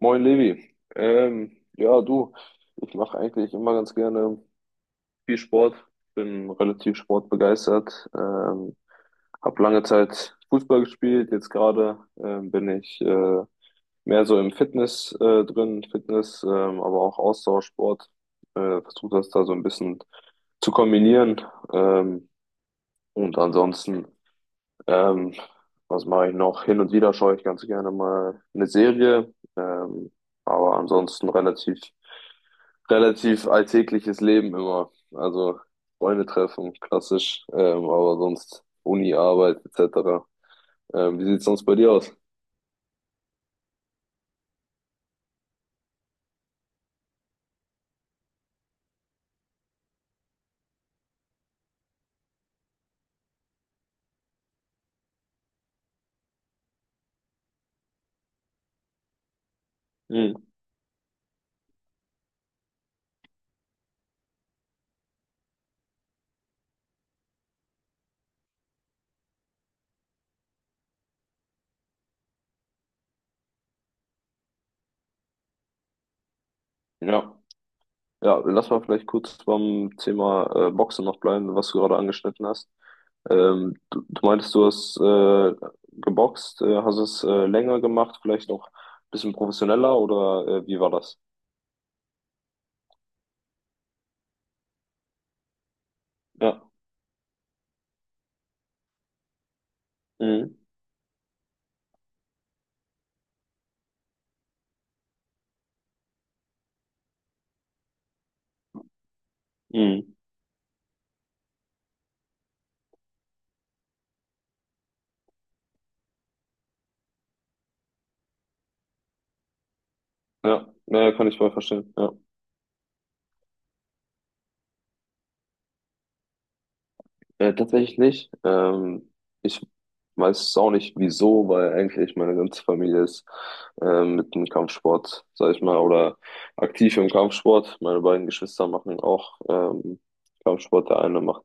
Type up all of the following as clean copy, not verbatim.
Moin Levi. Ja, du, ich mache eigentlich immer ganz gerne viel Sport, bin relativ sportbegeistert, habe lange Zeit Fußball gespielt, jetzt gerade bin ich mehr so im Fitness drin, Fitness, aber auch Ausdauersport, versuche das da so ein bisschen zu kombinieren ähm, und ansonsten ähm, was mache ich noch? Hin und wieder schaue ich ganz gerne mal eine Serie, aber ansonsten relativ alltägliches Leben immer. Also Freunde treffen, klassisch, aber sonst Uni, Arbeit etc. Wie sieht's sonst bei dir aus? Hm, ja. Ja, lass mal vielleicht kurz beim Thema Boxen noch bleiben, was du gerade angeschnitten hast. Ähm, du meintest, du hast geboxt, hast es länger gemacht, vielleicht noch ein bisschen professioneller oder wie war das? Ja. Mhm. Mhm. Ja, naja, kann ich voll verstehen. Ja. Tatsächlich nicht. Ich weiß es auch nicht, wieso, weil eigentlich meine ganze Familie ist mit dem Kampfsport, sag ich mal, oder aktiv im Kampfsport. Meine beiden Geschwister machen auch Kampfsport. Der eine macht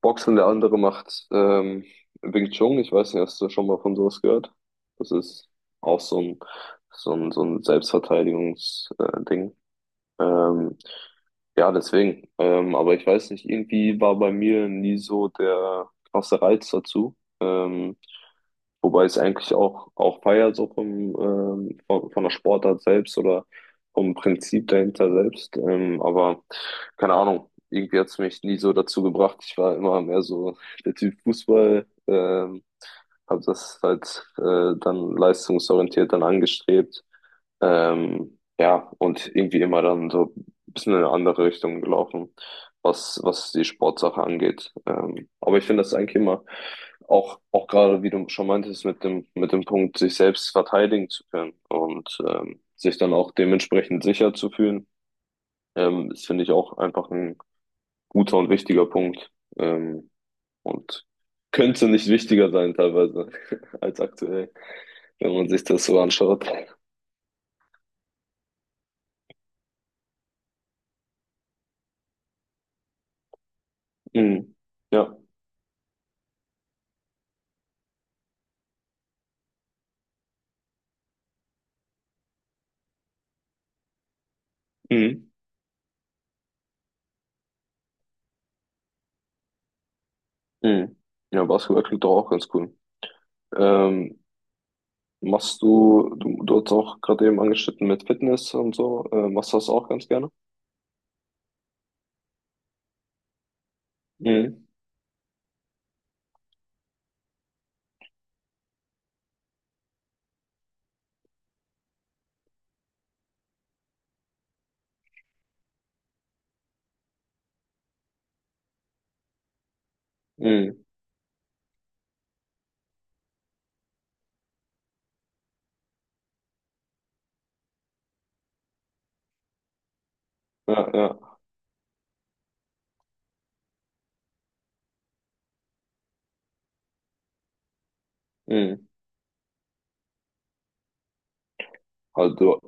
Boxen, der andere macht Wing Chun. Ich weiß nicht, hast du schon mal von sowas gehört? Das ist auch so ein, so ein, so ein Selbstverteidigungsding. Ding. ähm, ja, deswegen. Aber ich weiß nicht, irgendwie war bei mir nie so der krasse Reiz dazu. Ähm, Wobei es eigentlich auch, auch feier, so vom, von der Sportart selbst oder vom Prinzip dahinter selbst. Aber keine Ahnung, irgendwie hat es mich nie so dazu gebracht. Ich war immer mehr so der Typ Fußball. Habe das halt dann leistungsorientiert dann angestrebt. Ja, und irgendwie immer dann so ein bisschen in eine andere Richtung gelaufen, was die Sportsache angeht. Aber ich finde das eigentlich immer auch, auch gerade, wie du schon meintest, mit dem Punkt, sich selbst verteidigen zu können und sich dann auch dementsprechend sicher zu fühlen, das finde ich auch einfach ein guter und wichtiger Punkt. Ähm, und könnte nicht wichtiger sein teilweise als aktuell wenn man sich das so anschaut. Mhm. Ja. Mhm. Mhm. Ja, Basketball klingt doch auch ganz cool. Ähm, du hast auch gerade eben angeschnitten mit Fitness und so, machst du das auch ganz gerne? Mhm. Mhm. Ja, ja. Mhm. Also,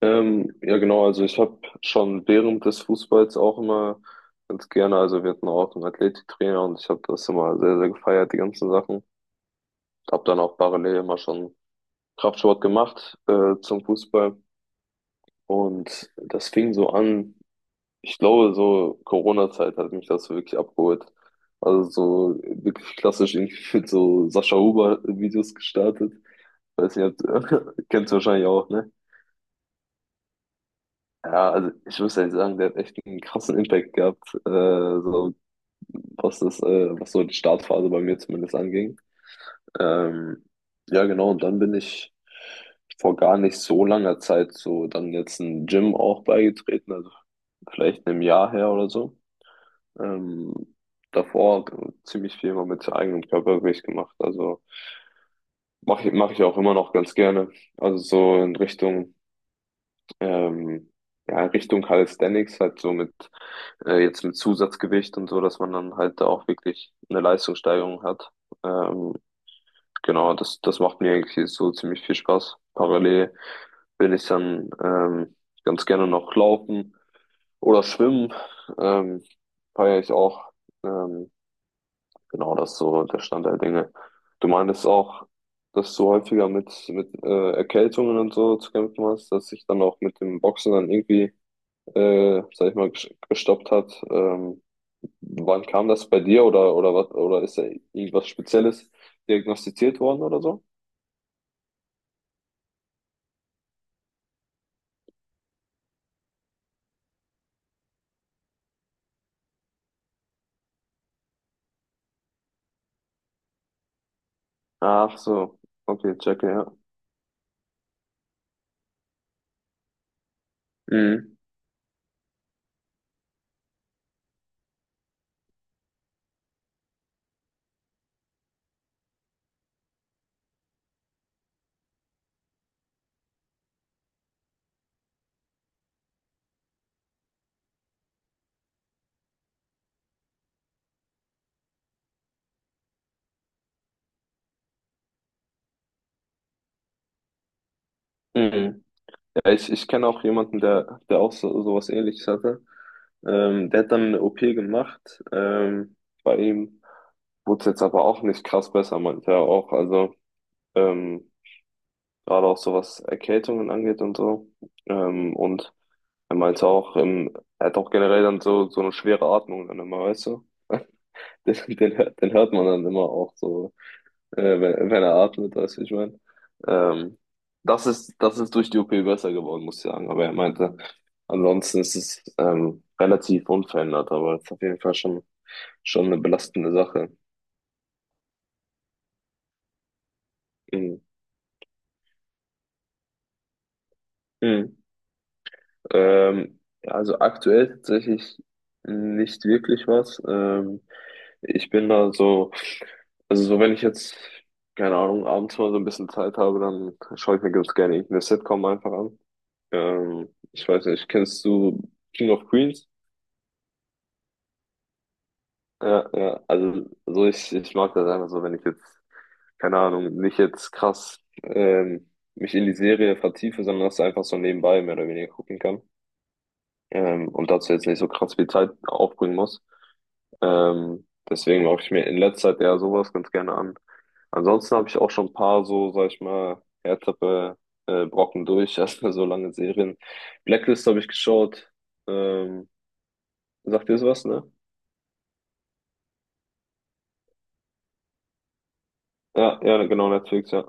ja genau, also ich habe schon während des Fußballs auch immer ganz gerne, also wir hatten auch einen Athletiktrainer und ich habe das immer sehr gefeiert, die ganzen Sachen. Habe dann auch parallel immer schon Kraftsport gemacht, zum Fußball. Und das fing so an, ich glaube, so Corona-Zeit hat mich das so wirklich abgeholt. Also so wirklich klassisch irgendwie mit so Sascha Huber-Videos gestartet. Weiß nicht, ob- kennst du wahrscheinlich auch, ne? Ja, also ich muss ehrlich sagen, der hat echt einen krassen Impact gehabt, so was das, was so die Startphase bei mir zumindest anging. Ähm, ja, genau, und dann bin ich vor gar nicht so langer Zeit so dann jetzt ein Gym auch beigetreten, also vielleicht einem Jahr her oder so. Ähm, Davor ziemlich viel mal mit eigenem Körpergewicht gemacht, also mache ich auch immer noch ganz gerne. Also so in Richtung, ähm, ja, Richtung Calisthenics, halt so mit, jetzt mit Zusatzgewicht und so, dass man dann halt da auch wirklich eine Leistungssteigerung hat. Ähm, Genau, das macht mir eigentlich so ziemlich viel Spaß. Parallel will ich dann ganz gerne noch laufen oder schwimmen. Ähm, feiere ich auch. Ähm, genau, das ist so der Stand der Dinge. Du meintest auch, dass du häufiger mit, mit Erkältungen und so zu kämpfen hast, dass sich dann auch mit dem Boxen dann irgendwie, sag ich mal, gestoppt hat. Wann kam das bei dir oder was, oder ist da irgendwas Spezielles diagnostiziert worden oder so? Ach so, okay, checke, ja. Mhm. Mhm. Ja, ich kenne auch jemanden, der, der auch so, sowas Ähnliches hatte. Der hat dann eine OP gemacht. Bei ihm wurde es jetzt aber auch nicht krass besser, meinte er auch. Also ähm, gerade auch so was Erkältungen angeht und so. Und er meinte auch, er hat auch generell dann so, so eine schwere Atmung dann immer, weißt du? Den, den, den hört man dann immer auch so. Wenn er atmet, weißt du, wie ich meine. Ähm, Das ist, das ist durch die OP besser geworden, muss ich sagen. Aber er meinte, ansonsten ist es relativ unverändert, aber es ist auf jeden Fall schon, schon eine belastende Sache. Mhm. Mhm. Ja, also aktuell tatsächlich nicht wirklich was. Ich bin da so, also so wenn ich jetzt, keine Ahnung, abends mal so ein bisschen Zeit habe, dann schaue ich mir ganz gerne irgendeine Sitcom einfach an. Ich weiß nicht, kennst du King of Queens? Ja, ja, also so ich mag das einfach so, wenn ich jetzt, keine Ahnung, nicht jetzt krass mich in die Serie vertiefe, sondern das einfach so nebenbei mehr oder weniger gucken kann. Und dazu jetzt nicht so krass viel Zeit aufbringen muss. Deswegen mache ich mir in letzter Zeit eher sowas ganz gerne an. Ansonsten habe ich auch schon ein paar so, sag ich mal, härtere Brocken durch, erstmal so lange Serien. Blacklist habe ich geschaut. Ähm, Sagt ihr das was, ne? Ja, ja, genau, Netflix, ja.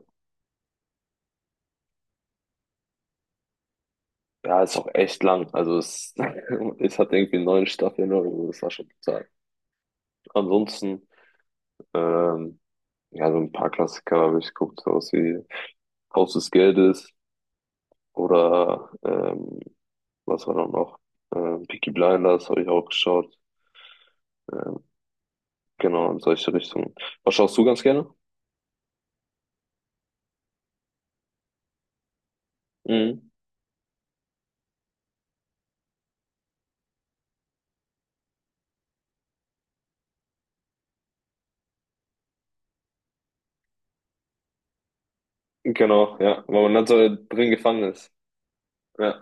Ja, ist auch echt lang. Also es, es hat irgendwie 9 Staffeln oder so, das war schon total. Ansonsten, ähm, ja, so ein paar Klassiker habe ich geguckt, sowas wie Haus des Geldes oder was war dann noch? Peaky Blinders habe ich auch geschaut. Ähm, genau, in solche Richtungen. Was schaust du ganz gerne? Mhm. Genau, ja, weil man dann so drin gefangen ist. Ja,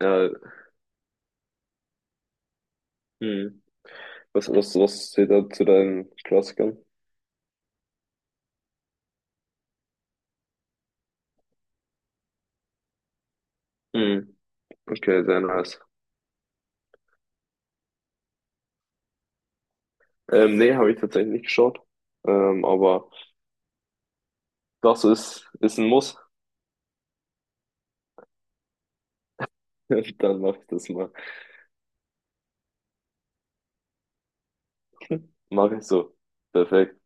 ja. Mhm. Was zählt da zu deinen Klassikern? Mhm. Okay, sehr nice. Nee, habe ich tatsächlich nicht geschaut. Aber das ist, ist ein Muss. Dann mache ich das mal. Mache ich so. Perfekt.